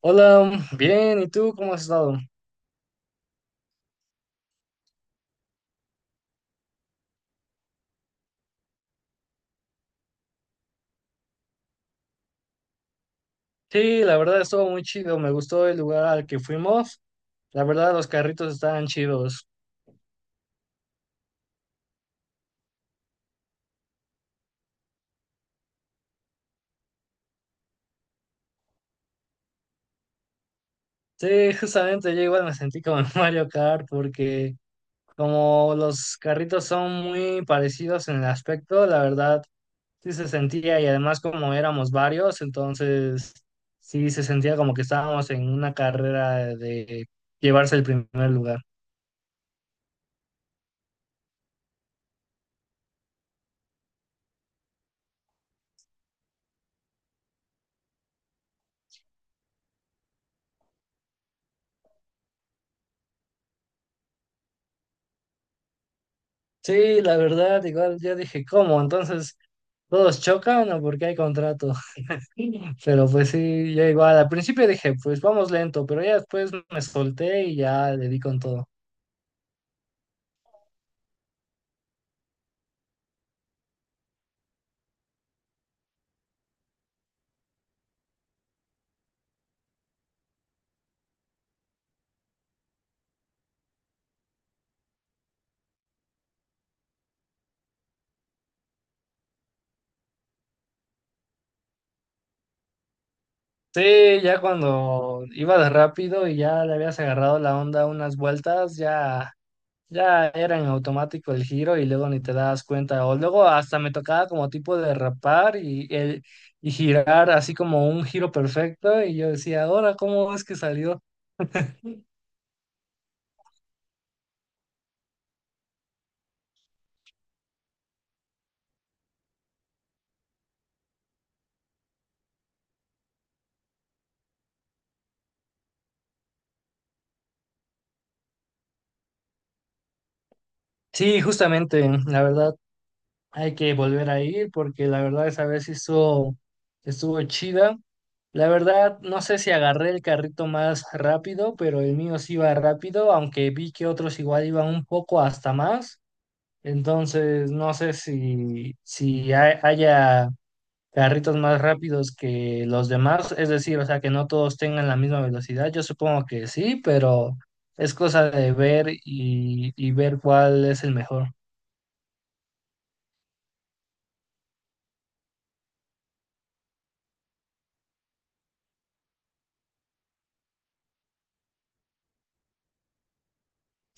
Hola, bien, ¿y tú cómo has estado? Sí, la verdad estuvo muy chido, me gustó el lugar al que fuimos, la verdad los carritos estaban chidos. Sí, justamente yo igual me sentí como en Mario Kart porque como los carritos son muy parecidos en el aspecto, la verdad sí se sentía y además como éramos varios, entonces sí se sentía como que estábamos en una carrera de llevarse el primer lugar. Sí, la verdad, igual yo dije, ¿cómo? Entonces, todos chocan o porque hay contrato. Pero pues sí, ya igual. Al principio dije, pues vamos lento, pero ya después me solté y ya le di con todo. Sí, ya cuando iba de rápido y ya le habías agarrado la onda unas vueltas, ya, ya era en automático el giro y luego ni te das cuenta. O luego hasta me tocaba como tipo derrapar y girar así como un giro perfecto y yo decía, ahora, ¿cómo es que salió? Sí, justamente, la verdad. Hay que volver a ir porque la verdad esa vez sí estuvo chida. La verdad, no sé si agarré el carrito más rápido, pero el mío sí iba rápido, aunque vi que otros igual iban un poco hasta más. Entonces, no sé si haya carritos más rápidos que los demás, es decir, o sea, que no todos tengan la misma velocidad. Yo supongo que sí, pero es cosa de ver y ver cuál es el mejor.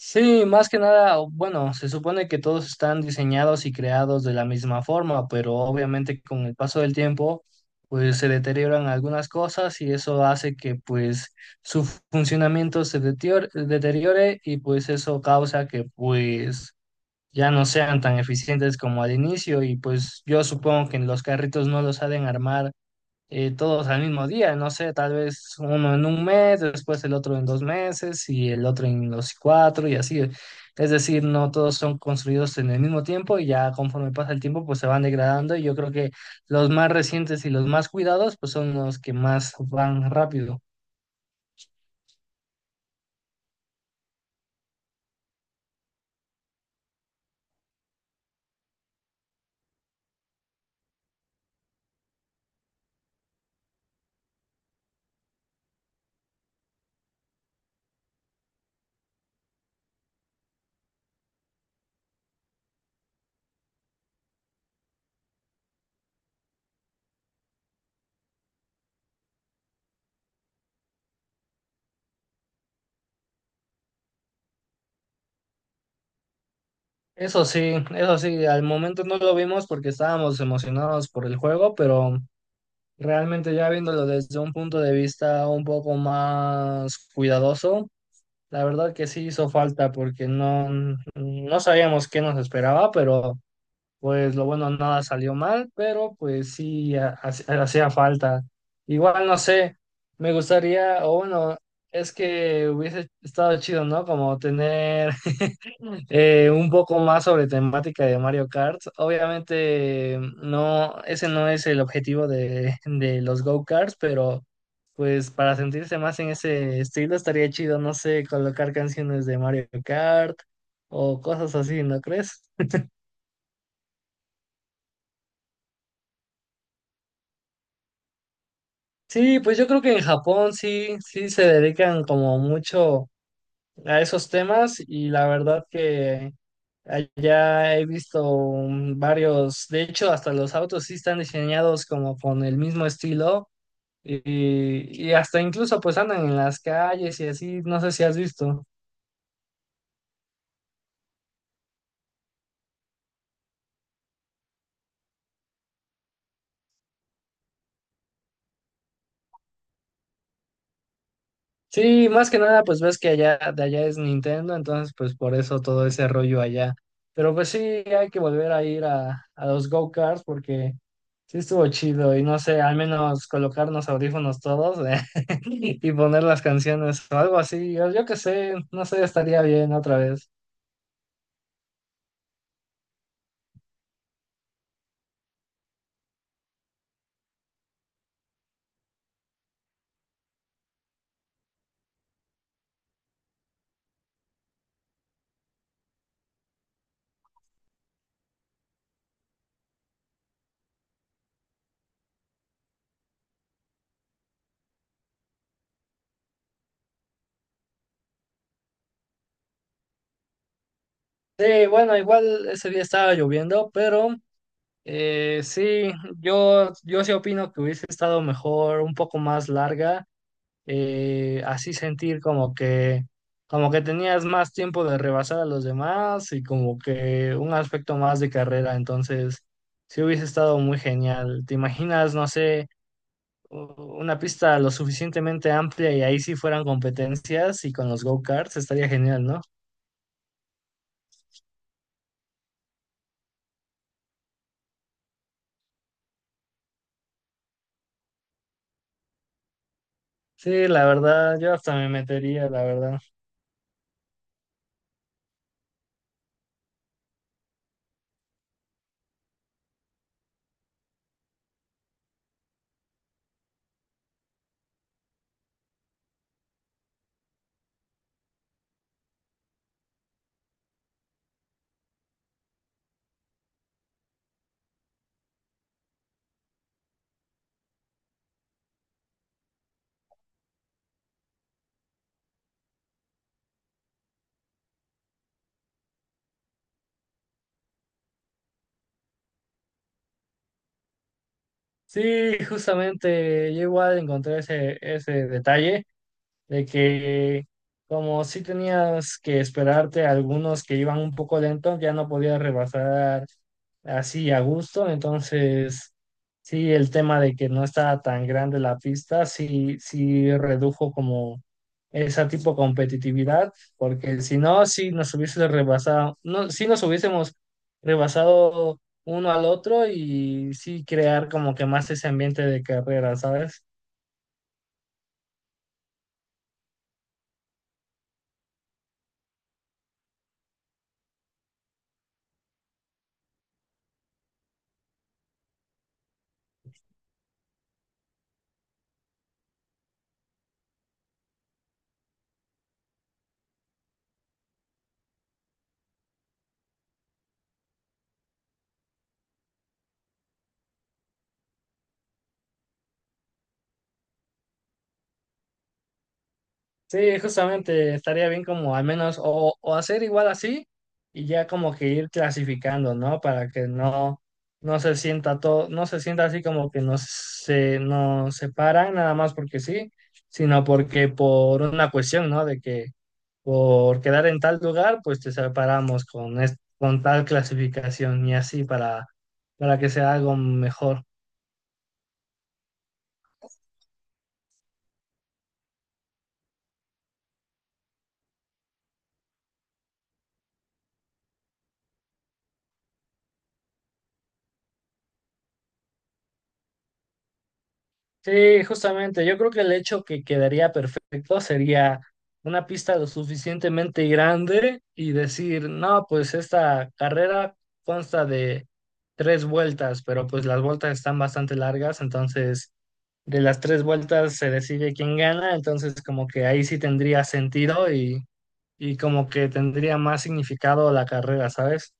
Sí, más que nada, bueno, se supone que todos están diseñados y creados de la misma forma, pero obviamente con el paso del tiempo, pues se deterioran algunas cosas y eso hace que pues su funcionamiento se deteriore y pues eso causa que pues ya no sean tan eficientes como al inicio y pues yo supongo que los carritos no los saben armar todos al mismo día, no sé, tal vez uno en un mes, después el otro en 2 meses y el otro en los cuatro y así. Es decir, no todos son construidos en el mismo tiempo y ya conforme pasa el tiempo pues se van degradando y yo creo que los más recientes y los más cuidados pues son los que más van rápido. Eso sí, al momento no lo vimos porque estábamos emocionados por el juego, pero realmente ya viéndolo desde un punto de vista un poco más cuidadoso, la verdad que sí hizo falta porque no, no sabíamos qué nos esperaba, pero pues lo bueno, nada salió mal, pero pues sí hacía falta. Igual no sé, me gustaría, o bueno, es que hubiese estado chido, ¿no? Como tener un poco más sobre temática de Mario Kart. Obviamente no, ese no es el objetivo de los go-karts, pero pues para sentirse más en ese estilo estaría chido, no sé, colocar canciones de Mario Kart o cosas así, ¿no crees? Sí, pues yo creo que en Japón sí, sí se dedican como mucho a esos temas y la verdad que allá he visto varios, de hecho hasta los autos sí están diseñados como con el mismo estilo y hasta incluso pues andan en las calles y así, no sé si has visto. Sí, más que nada, pues ves que allá de allá es Nintendo, entonces pues por eso todo ese rollo allá. Pero pues sí, hay que volver a ir a los go-karts porque sí estuvo chido y no sé, al menos colocarnos audífonos todos y poner las canciones o algo así. Yo qué sé, no sé, estaría bien otra vez. Sí, bueno, igual ese día estaba lloviendo, pero sí, yo sí opino que hubiese estado mejor, un poco más larga, así sentir como que tenías más tiempo de rebasar a los demás y como que un aspecto más de carrera. Entonces, sí hubiese estado muy genial. ¿Te imaginas, no sé, u- una pista lo suficientemente amplia y ahí sí fueran competencias y con los go-karts? Estaría genial, ¿no? Sí, la verdad, yo hasta me metería, la verdad. Sí, justamente, yo igual encontré ese detalle de que como si tenías que esperarte a algunos que iban un poco lentos, ya no podías rebasar así a gusto, entonces sí, el tema de que no estaba tan grande la pista, sí redujo como esa tipo de competitividad, porque si no, si nos hubiésemos rebasado uno al otro y sí crear como que más ese ambiente de carrera, ¿sabes? Sí, justamente estaría bien como al menos o hacer igual así y ya como que ir clasificando, ¿no? Para que no, no se sienta todo, no se sienta así como que no se nos separan nada más porque sí, sino porque por una cuestión, ¿no? De que por quedar en tal lugar, pues te separamos con tal clasificación y así para que sea algo mejor. Sí, justamente. Yo creo que el hecho que quedaría perfecto sería una pista lo suficientemente grande y decir, no, pues esta carrera consta de tres vueltas, pero pues las vueltas están bastante largas, entonces de las tres vueltas se decide quién gana, entonces como que ahí sí tendría sentido y como que tendría más significado la carrera, ¿sabes?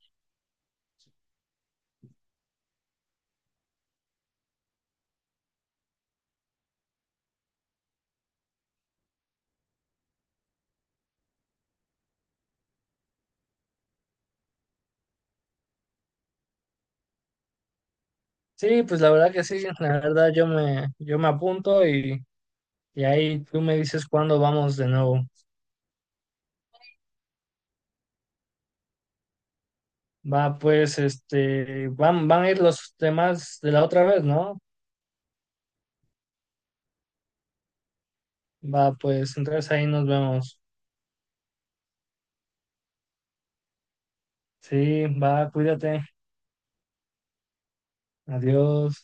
Sí, pues la verdad que sí, la verdad yo me apunto y Y ahí tú me dices cuándo vamos de nuevo. Va, pues, este, van a ir los demás de la otra vez, ¿no? Va, pues, entonces ahí nos vemos. Sí, va, cuídate. Adiós.